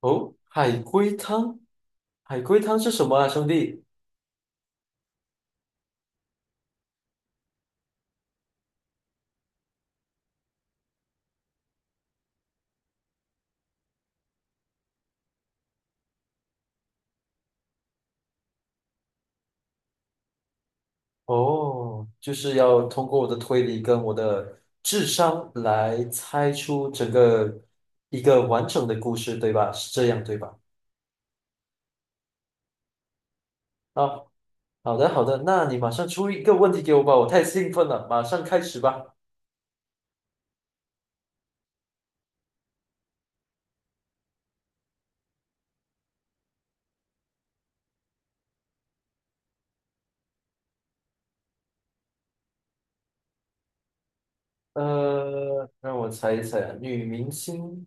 哦，海龟汤，海龟汤是什么啊，兄弟？哦，就是要通过我的推理跟我的智商来猜出整个一个完整的故事，对吧？是这样，对吧？啊，好的，好的，那你马上出一个问题给我吧，我太兴奋了，马上开始吧。让我猜一猜啊，女明星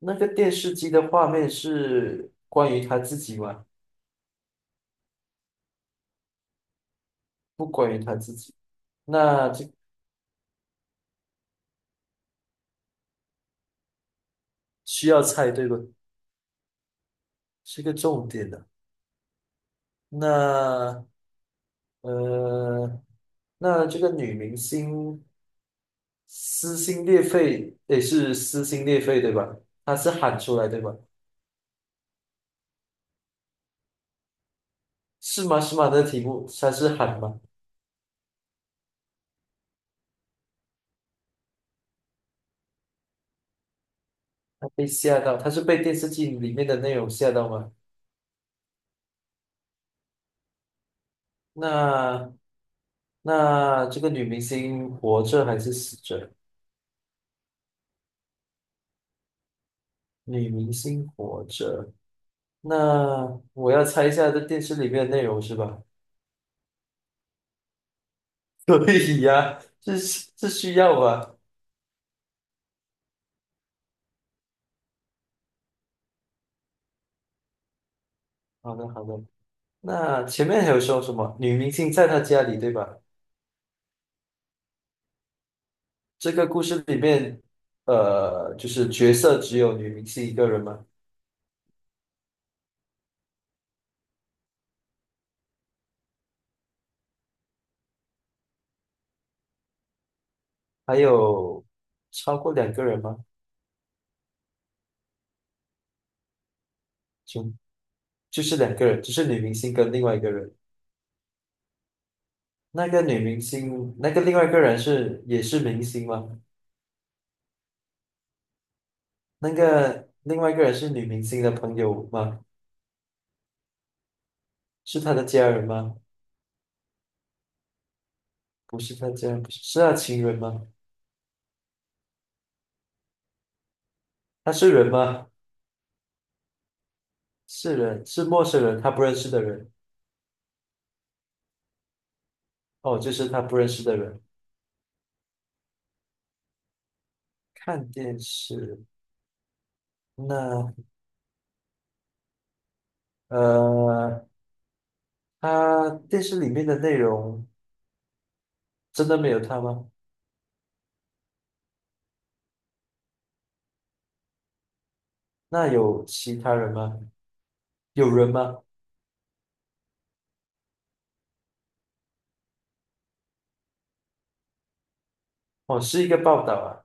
那个电视机的画面是关于她自己吗？不关于她自己，那这需要猜对不？是个重点的。那呃，那这个女明星撕心裂肺，也是撕心裂肺对吧？她是喊出来对吧？是吗？是吗？她的题目她是喊吗？她被吓到，她是被电视剧里面的内容吓到吗？那那这个女明星活着还是死着？女明星活着，那我要猜一下这电视里面的内容是吧？可以呀、这需要吧？好的好的。那前面还有说什么女明星在他家里，对吧？这个故事里面，就是角色只有女明星一个人吗？还有超过两个人吗？就就是两个人，就是女明星跟另外一个人。那个女明星，那个另外一个人是也是明星吗？那个另外一个人是女明星的朋友吗？是她的家人吗？不是她家人，不是，是她情人吗？他是人吗？是人，是陌生人，他不认识的人。哦，就是他不认识的人。看电视，那呃，他电视里面的内容真的没有他吗？那有其他人吗？有人吗？哦，是一个报道啊，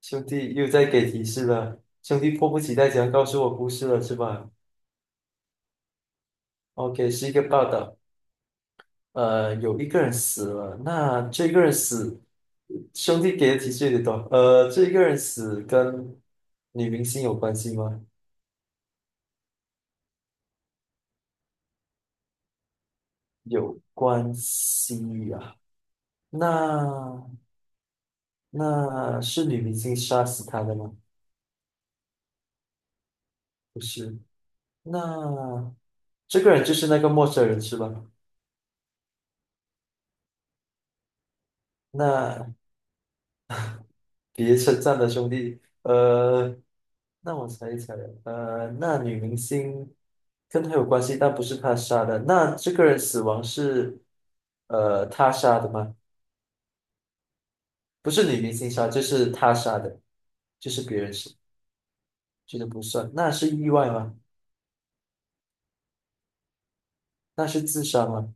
兄弟又在给提示了，兄弟迫不及待想要告诉我故事了是吧？OK，是一个报道，有一个人死了，那这个人死，兄弟给的提示有点多，这一个人死跟女明星有关系吗？有关系啊。那那是女明星杀死他的吗？不是。那这个人就是那个陌生人是吧？那别称赞的兄弟，那我猜一猜啊，那女明星跟他有关系，但不是他杀的。那这个人死亡是他杀的吗？不是女明星杀，就是他杀的，就是别人杀，这个不算。那是意外吗？那是自杀吗？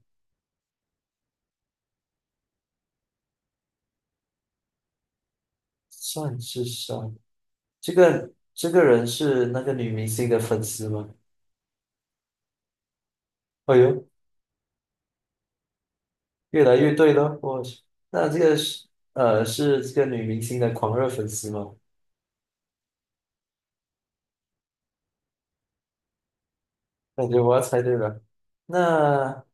算是杀。这个人是那个女明星的粉丝吗？哎呦，越来越对了，我去，那这个是是这个女明星的狂热粉丝吗？感觉我要猜对了。那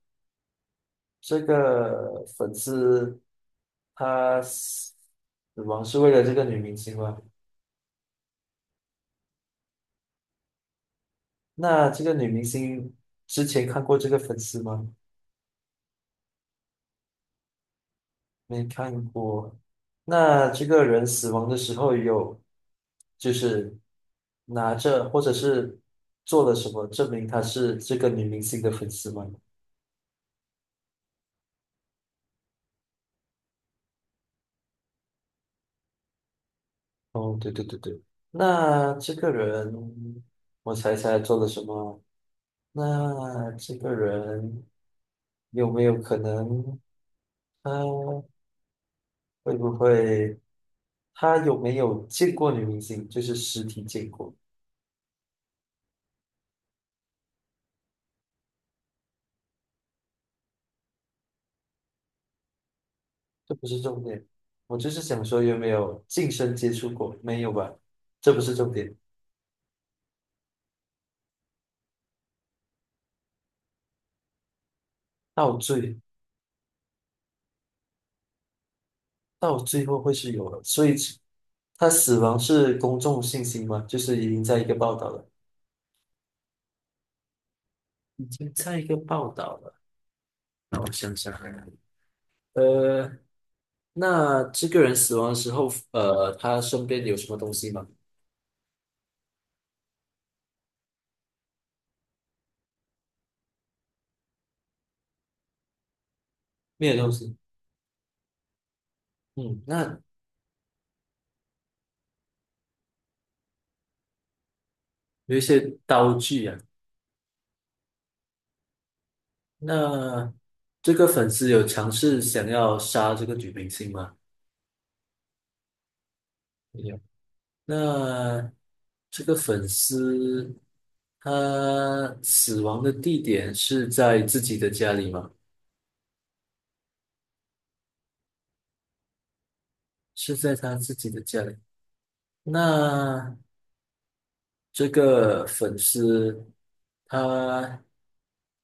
这个粉丝他死亡是为了这个女明星吗？那这个女明星之前看过这个粉丝吗？没看过。那这个人死亡的时候有，就是拿着或者是做了什么证明他是这个女明星的粉丝吗？哦，对对对对。那这个人，我猜猜做了什么？那这个人有没有可能，他会不会，他有没有见过女明星？就是实体见过。这不是重点，我就是想说有没有近身接触过，没有吧？这不是重点，到最到最后会是有的，所以他死亡是公众信息吗？就是已经在一个报道了，已经在一个报道了。那我想想看，呃，那这个人死亡的时候，他身边有什么东西吗？没有东西。嗯，那有一些刀具啊。那这个粉丝有尝试想要杀这个女明星吗？没有。那这个粉丝他死亡的地点是在自己的家里吗？是在他自己的家里。那这个粉丝他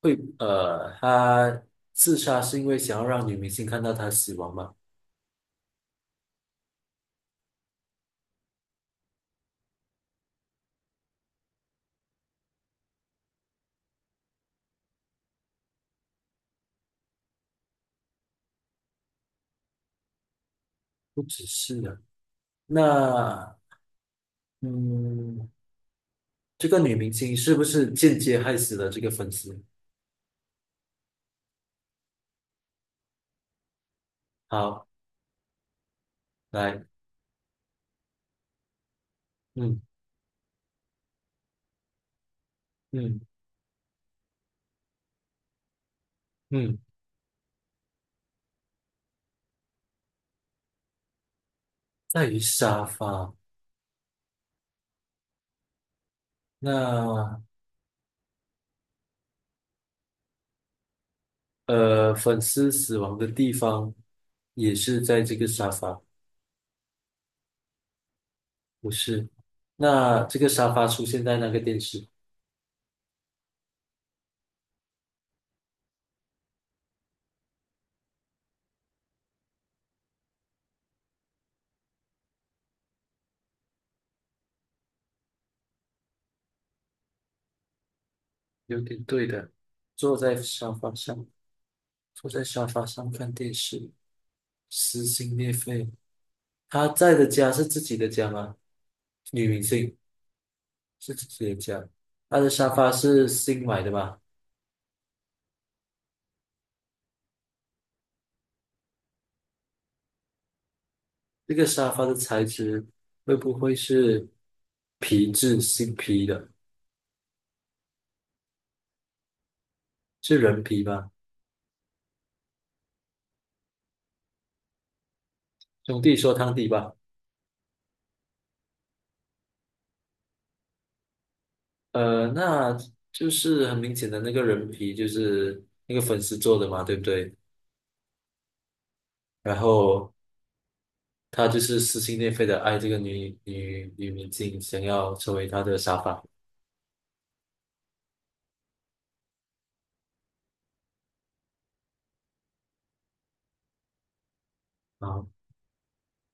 会他自杀是因为想要让女明星看到他死亡吗？不只是的。那嗯，这个女明星是不是间接害死了这个粉丝？好，来，嗯嗯嗯，在于沙发。那粉丝死亡的地方也是在这个沙发，不是？那这个沙发出现在那个电视，有点对的。坐在沙发上，坐在沙发上看电视，撕心裂肺。他在的家是自己的家吗？女明星是自己的家，他的沙发是新买的吧？这个沙发的材质会不会是皮质新皮的？是人皮吗？兄弟说汤底吧。那就是很明显的那个人皮就是那个粉丝做的嘛，对不对？然后他就是撕心裂肺的爱这个女明星，想要成为她的沙发。